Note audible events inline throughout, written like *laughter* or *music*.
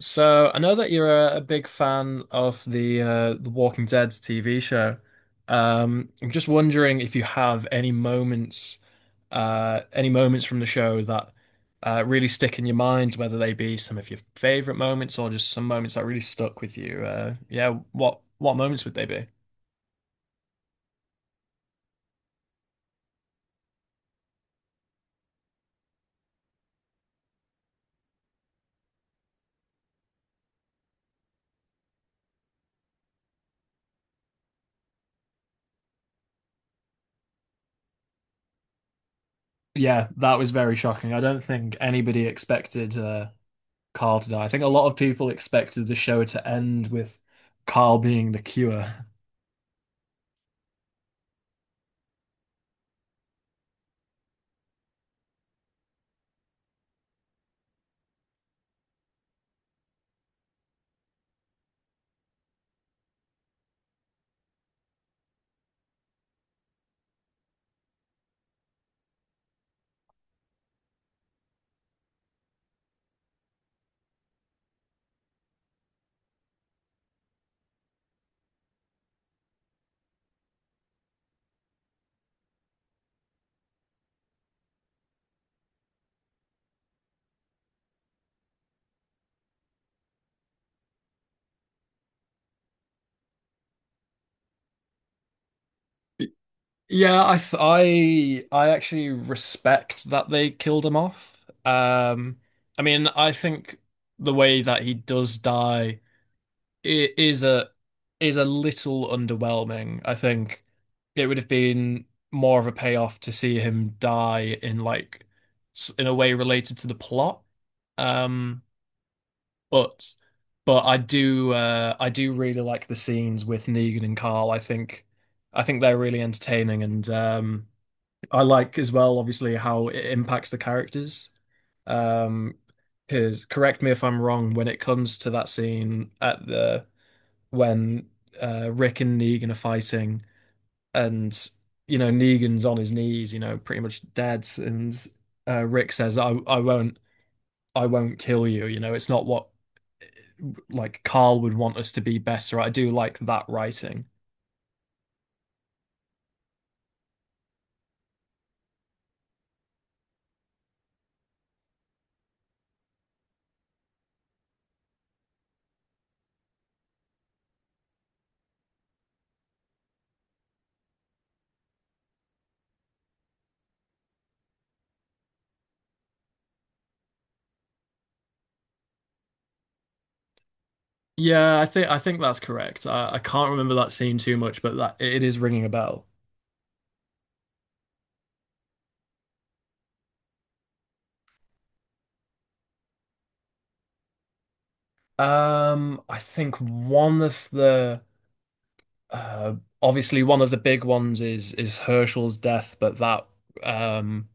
So I know that you're a big fan of the Walking Dead TV show. I'm just wondering if you have any moments, any moments from the show that really stick in your mind, whether they be some of your favorite moments or just some moments that really stuck with you. Yeah, what moments would they be? Yeah, that was very shocking. I don't think anybody expected Carl to die. I think a lot of people expected the show to end with Carl being the cure. Yeah, I actually respect that they killed him off. Um, I mean, I think the way that he does die i- is a is a little underwhelming. I think it would have been more of a payoff to see him die in like in a way related to the plot. Um, but but I do really like the scenes with Negan and Carl. I think they're really entertaining and. I like as well, obviously, how it impacts the characters. Um, because correct me if I'm wrong, when it comes to that scene at the when Rick and Negan are fighting, and you know Negan's on his knees, you know, pretty much dead, and Rick says, I won't kill you, you know, it's not what like Carl would want us to be better. At. I do like that writing. Yeah, I think that's correct. I can't remember that scene too much, but that it is ringing a bell. I think one of the uh, obviously one of the big ones is Herschel's death, but um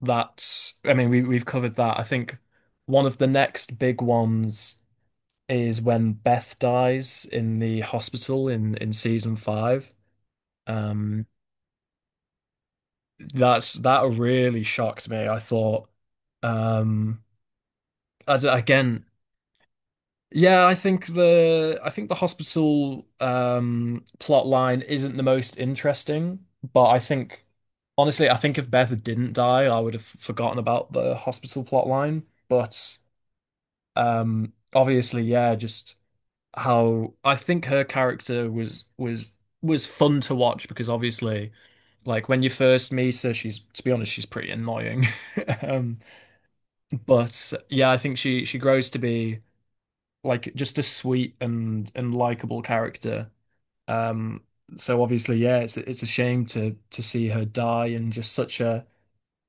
that's I mean we've covered that. I think one of the next big ones is when Beth dies in the hospital in season five. Um, that's that really shocked me. I thought um as again. Yeah, I think the hospital plot line isn't the most interesting, but I think honestly, I think if Beth didn't die, I would have forgotten about the hospital plot line. But obviously, yeah, just how I think her character was fun to watch because obviously, like when you first meet her, she's to be honest, she's pretty annoying. *laughs* Um but yeah, I think she grows to be like just a sweet and likable character. Um, so obviously, yeah, it's a shame to see her die and just such a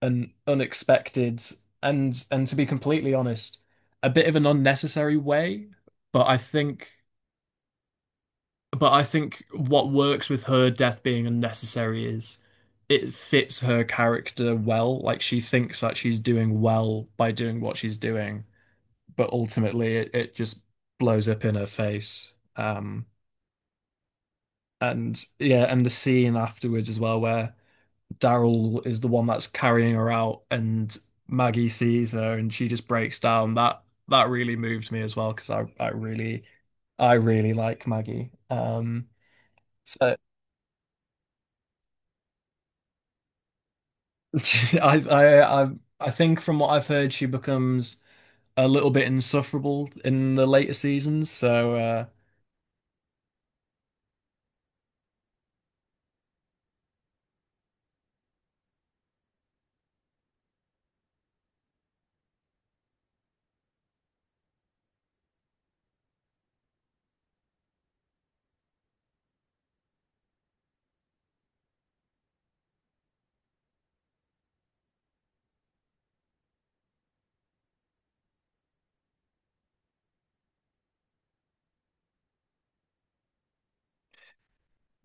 an unexpected and, to be completely honest, a bit of an unnecessary way. But I think but I think what works with her death being unnecessary is it fits her character well. Like she thinks that she's doing well by doing what she's doing, but ultimately it just blows up in her face. And yeah, and the scene afterwards as well, where Daryl is the one that's carrying her out, and Maggie sees her and she just breaks down. That that really moved me as well because I really I really like Maggie. So *laughs* I I I I think from what I've heard, she becomes a little bit insufferable in the later seasons. So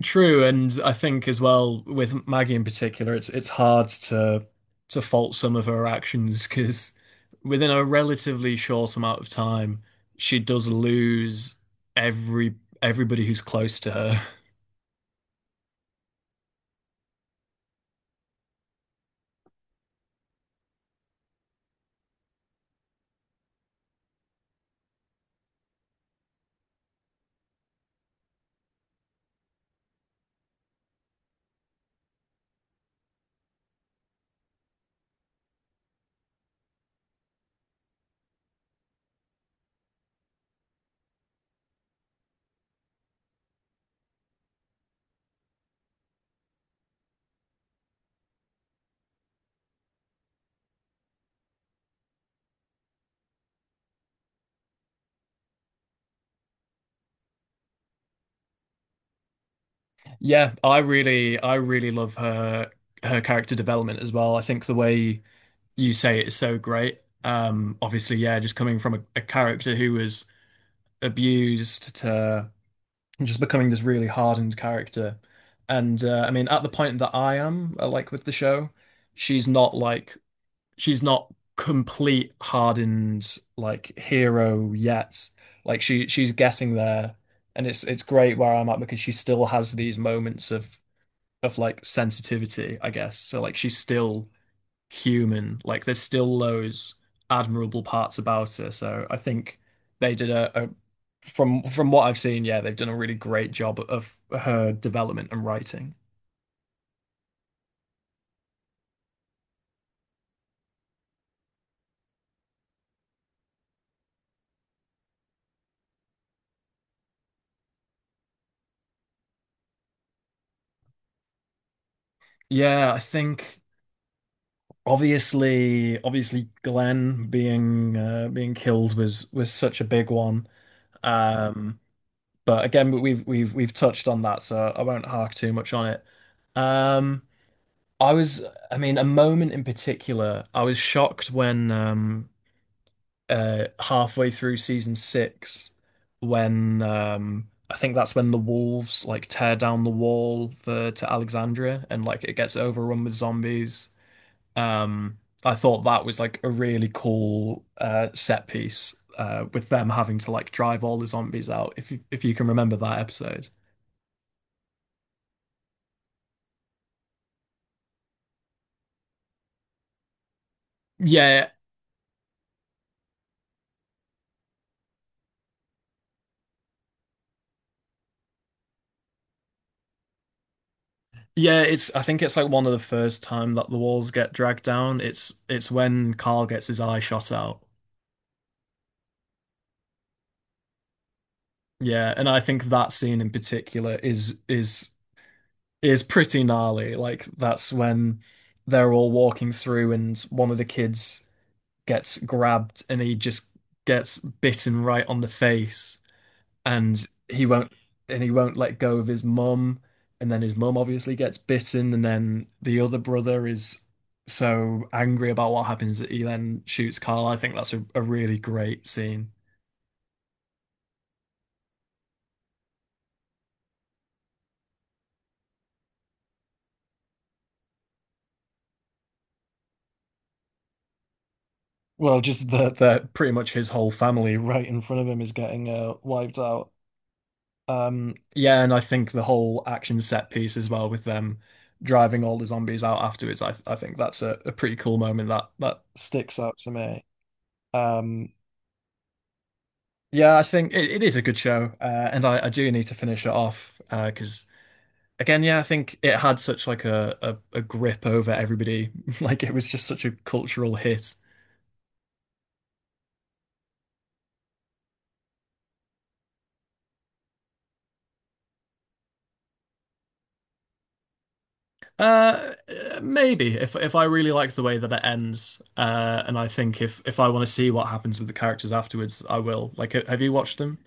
true, and I think as well with Maggie in particular, it's hard to fault some of her actions because within a relatively short amount of time, she does lose every everybody who's close to her. *laughs* Yeah, I really love her her character development as well. I think the way you say it is so great. Obviously, yeah, just coming from a character who was abused to and just becoming this really hardened character. And I mean, at the point that I am, like with the show, she's not like she's not complete hardened like hero yet. Like she's getting there, and it's great where I'm at because she still has these moments of like sensitivity, I guess. So like she's still human. Like there's still those admirable parts about her. So I think they did a from what I've seen, yeah, they've done a really great job of her development and writing. Yeah, I think obviously Glenn being being killed was such a big one. Um, but again, we've touched on that, so I won't hark too much on it. Um, I was, I mean, a moment in particular, I was shocked when halfway through season six when I think that's when the wolves like tear down the wall for to Alexandria and like it gets overrun with zombies. Um I thought that was like a really cool set piece with them having to like drive all the zombies out if you can remember that episode. Yeah. Yeah, it's I think it's like one of the first time that the walls get dragged down. It's when Carl gets his eye shot out. Yeah, and I think that scene in particular is pretty gnarly. Like that's when they're all walking through and one of the kids gets grabbed and he just gets bitten right on the face and he won't and he won't let go of his mum and then his mum obviously gets bitten and then the other brother is so angry about what happens that he then shoots Carl. I think that's a really great scene. Well, just that that pretty much his whole family right in front of him is getting wiped out. Yeah, and I think the whole action set piece as well with them driving all the zombies out afterwards. I think that's a pretty cool moment that that sticks out to me. Um, yeah, I think it is a good show, and I do need to finish it off because again, yeah, I think it had such like a grip over everybody. *laughs* Like it was just such a cultural hit. Uh, Maybe if I really like the way that it ends, and I think if I want to see what happens with the characters afterwards, I will. Like, have you watched them?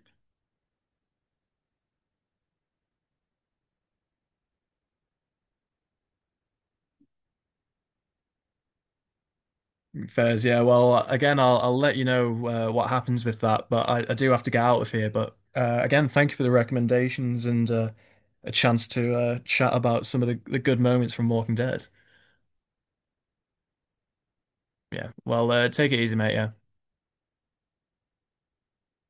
Fairs, yeah. Well, again, I'll let you know what happens with that, but I do have to get out of here. But again, thank you for the recommendations and a chance to chat about some of the good moments from Walking Dead. Yeah. Well, take it easy, mate. Yeah.